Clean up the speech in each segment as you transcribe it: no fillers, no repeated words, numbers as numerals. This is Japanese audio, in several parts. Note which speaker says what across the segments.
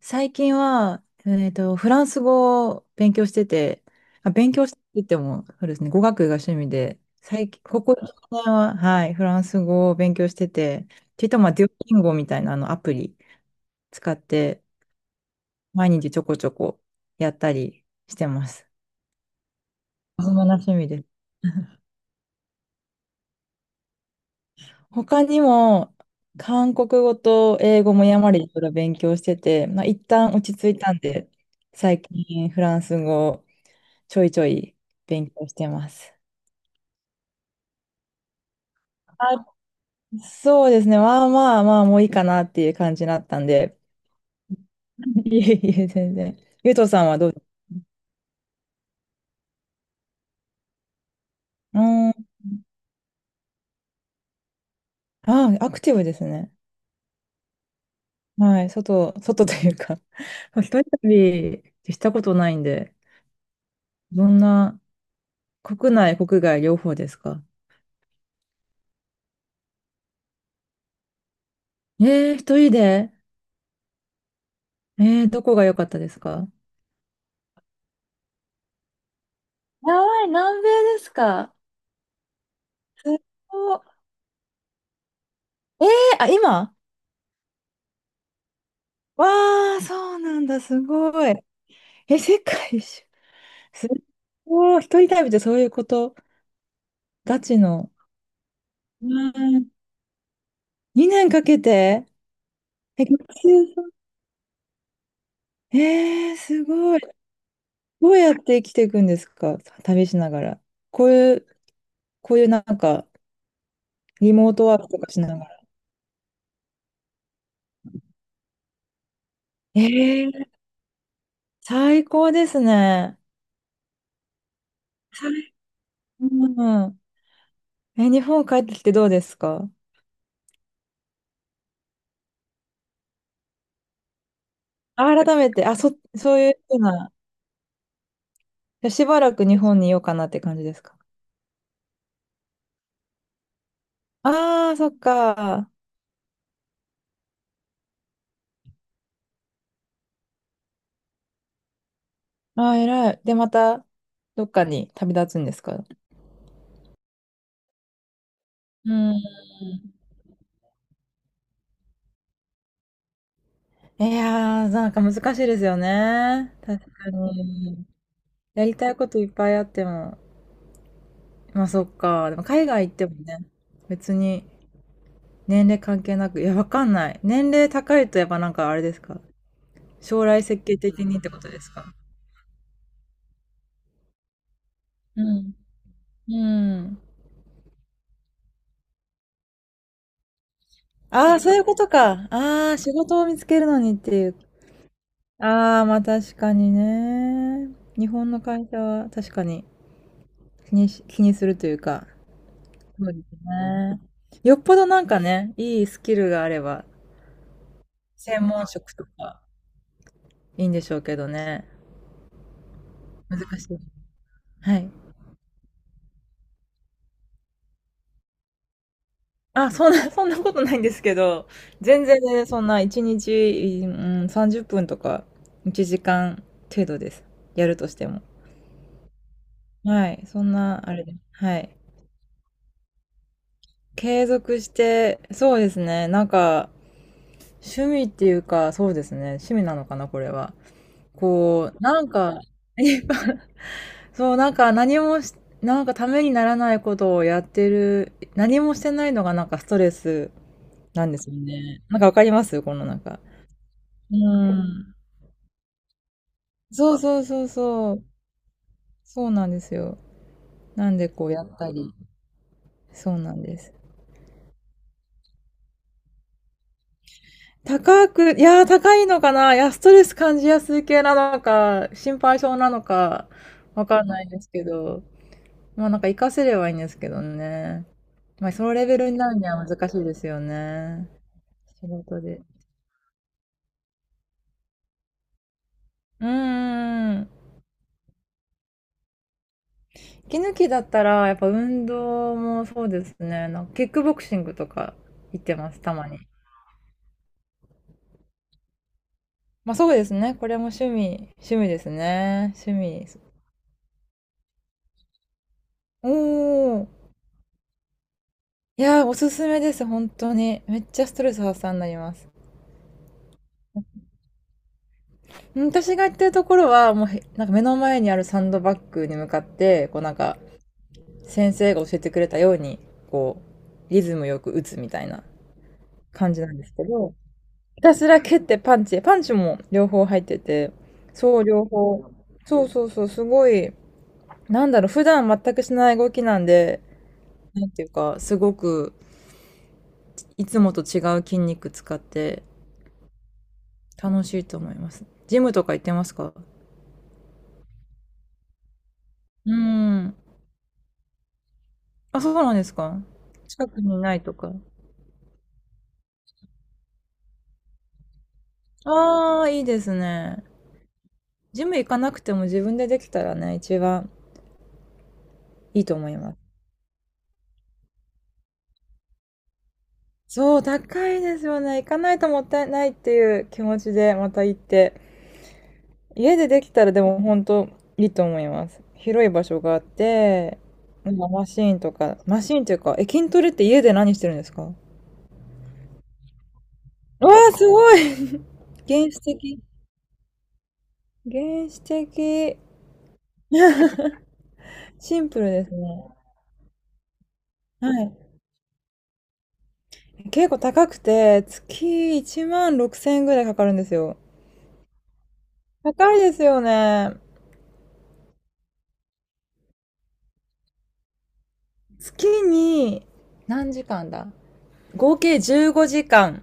Speaker 1: 最近は、フランス語を勉強してて、あ、勉強しててっても、そうですね、語学が趣味で、最近、ここ数年は、はい、フランス語を勉強してて、ちょっとまあ、デュオリンゴみたいなあのアプリ使って、毎日ちょこちょこやったりしてます。そんな趣味です。他にも、韓国語と英語もやまりいろいろ勉強してて、まあ、一旦落ち着いたんで、最近フランス語をちょいちょい勉強してます。あ、そうですね。まあまあまあ、もういいかなっていう感じだったんで。いえいえ、全然。ゆうとさんはどうですか？うーん。ああ、アクティブですね。はい。外というか。一人旅ってしたことないんで、どんな、国内、国外両方ですか？一人で。どこが良かったですか？やばい、南米ですか？すごい。えー、あ、今。わあ、そうなんだ、すごい。え、世界一周。すごい、一人旅ってそういうこと、ガチの。うん、2年かけて、え、学生さん。すごい。どうやって生きていくんですか、旅しながら。こういう、こういうなんか、リモートワークとかしながら。えー、最高ですね。最高。うん。え、日本帰ってきてどうですか？あ改めて、あ、そういうふうな、しばらく日本にいようかなって感じですか？ああー、そっか。ああ、偉い。で、また、どっかに旅立つんですか？うん。いやー、なんか難しいですよね。確かに。やりたいこといっぱいあっても。まあそっか。でも海外行ってもね、別に年齢関係なく、いや、わかんない。年齢高いとやっぱなんかあれですか？将来設計的にってことですか？うん。うん。ああ、そういうことか。ああ、仕事を見つけるのにっていう。ああ、まあ確かにね。日本の会社は確かに。気にするというか、そうですね。よっぽどなんかね、いいスキルがあれば、専門職とかいいんでしょうけどね。難しい。はい。あ、そんな、そんなことないんですけど、全然ね、そんな1日、うん、30分とか1時間程度です。やるとしても。はい。そんな、あれです。はい。継続して、そうですね。なんか、趣味っていうか、そうですね。趣味なのかな、これは。こう、なんか、そう、なんか何もし、なんかためにならないことをやってる、何もしてないのがなんかストレスなんですよね。なんかわかりますこのなんか。うん。そうそうそうそう。そうなんですよ。なんでこうやったり。そうなんです。いやー高いのかないや、ストレス感じやすい系なのか、心配性なのか、わかんないですけど。まあなんか活かせればいいんですけどね。まあそのレベルになるには難しいですよね。仕事で。うーん。息抜きだったら、やっぱ運動もそうですね。なんかキックボクシングとか行ってます、たまに。まあそうですね。これも趣味、趣味ですね。趣味。おー。いやー、おすすめです、本当に。めっちゃストレス発散になります。うん、私が行ってるところは、もうへ、なんか目の前にあるサンドバッグに向かって、こうなんか、先生が教えてくれたように、こう、リズムよく打つみたいな感じなんですけど、ひたすら蹴ってパンチも両方入ってて、そう、両方。そうそうそう、すごい、なんだろう、普段全くしない動きなんで、なんていうか、すごく、いつもと違う筋肉使って、楽しいと思います。ジムとか行ってますか？うーん。あ、そうなんですか？近くにないとか。ああ、いいですね。ジム行かなくても自分でできたらね、一番いいと思います。そう、高いですよね。行かないともったいないっていう気持ちでまた行って。家でできたらでも本当いいと思います。広い場所があって、なんかマシーンとか、マシーンっていうか、筋トレって家で何してるんですか？わあ、すごい 原始的。原始的。シンプルですね。はい。結構高くて、月1万6000円ぐらいかかるんですよ。高いですよね。月に何時間だ、合計15時間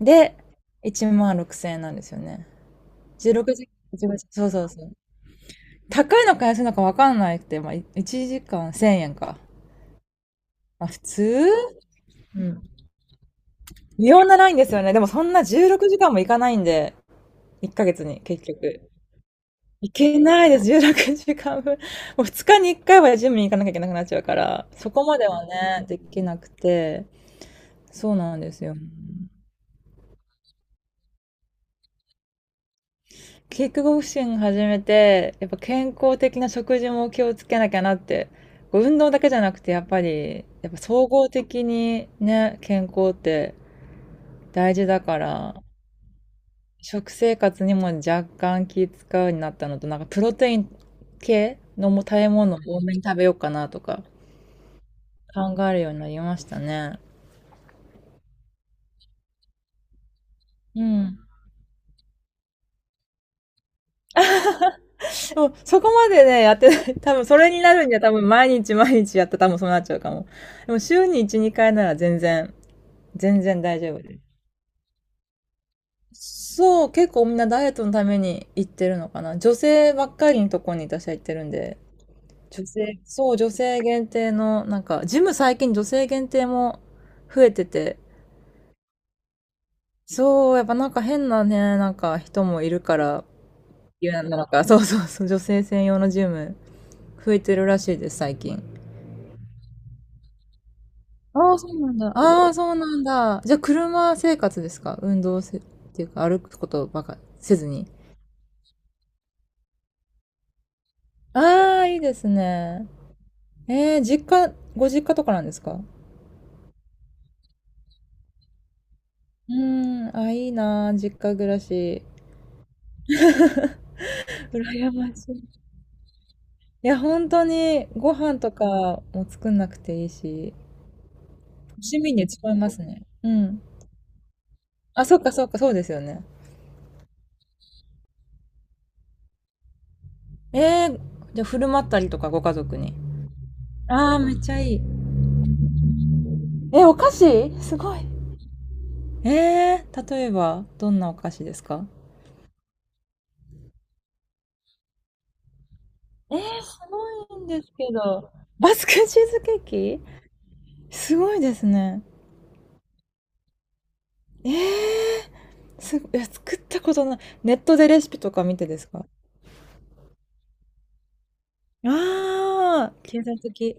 Speaker 1: で1万6000円なんですよね。16時、15時、そうそうそう。高いのか安いのか分かんないって、まあ、1時間1000円か。まあ、普通。うん。微妙なラインですよね。でもそんな16時間もいかないんで、1ヶ月に結局。いけないです、16時間分。もう2日に1回はジムに行かなきゃいけなくなっちゃうから、そこまではね、できなくて、そうなんですよ。キックボクシング始めて、やっぱ健康的な食事も気をつけなきゃなって、こう運動だけじゃなくて、やっぱ総合的にね、健康って大事だから、食生活にも若干気使うようになったのと、なんかプロテイン系のも食べ物を多めに食べようかなとか考えるようになりましたね。うん。そう、そこまでね、やってない。多分それになるには多分毎日毎日やったら多分そうなっちゃうかも。でも週に1、2回なら全然大丈夫です。そう、結構みんなダイエットのために行ってるのかな。女性ばっかりのとこに私は行ってるんで。女性、そう、女性限定の、なんか、ジム最近女性限定も増えてて、そう、やっぱなんか変なね、なんか人もいるから、言うなのか、そうそうそう、女性専用のジム、増えてるらしいです、最近。ああ、そうなんだ。ああ、そうなんだ。じゃあ、車生活ですか？運動せ、っていうか、歩くことばかせずに。ああ、いいですね。実家、ご実家とかなんですか？うーん、あ、いいなー、実家暮らし。羨ましい。いや、本当にご飯とかも作んなくていいし、趣味に使いますね。うん。あ、そっかそっか、そうですよね。えー、じゃあ振る舞ったりとかご家族に。ああ、めっちゃいい。え、お菓子すごい。例えば、どんなお菓子ですか？すごいんですけど。バスクチーズケーキすごいですね。えいや、作ったことない。ネットでレシピとか見てですか？ああー、経済的。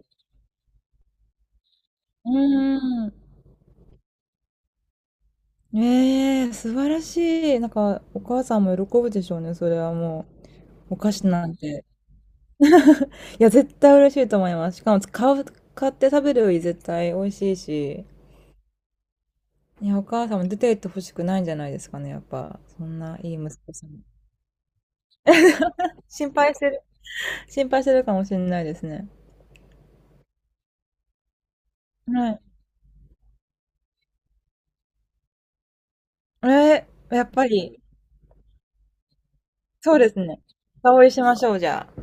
Speaker 1: うーん。ええ、素晴らしい。なんか、お母さんも喜ぶでしょうね、それはもう。お菓子なんて。いや、絶対嬉しいと思います。しかも、買って食べるより絶対美味しいし。いや、お母さんも出て行ってほしくないんじゃないですかね、やっぱ。そんないい息子さん。心配してる、心配してるかもしれないですね。はい。ええ、やっぱり、そうですね。深追いしましょう、じゃあ。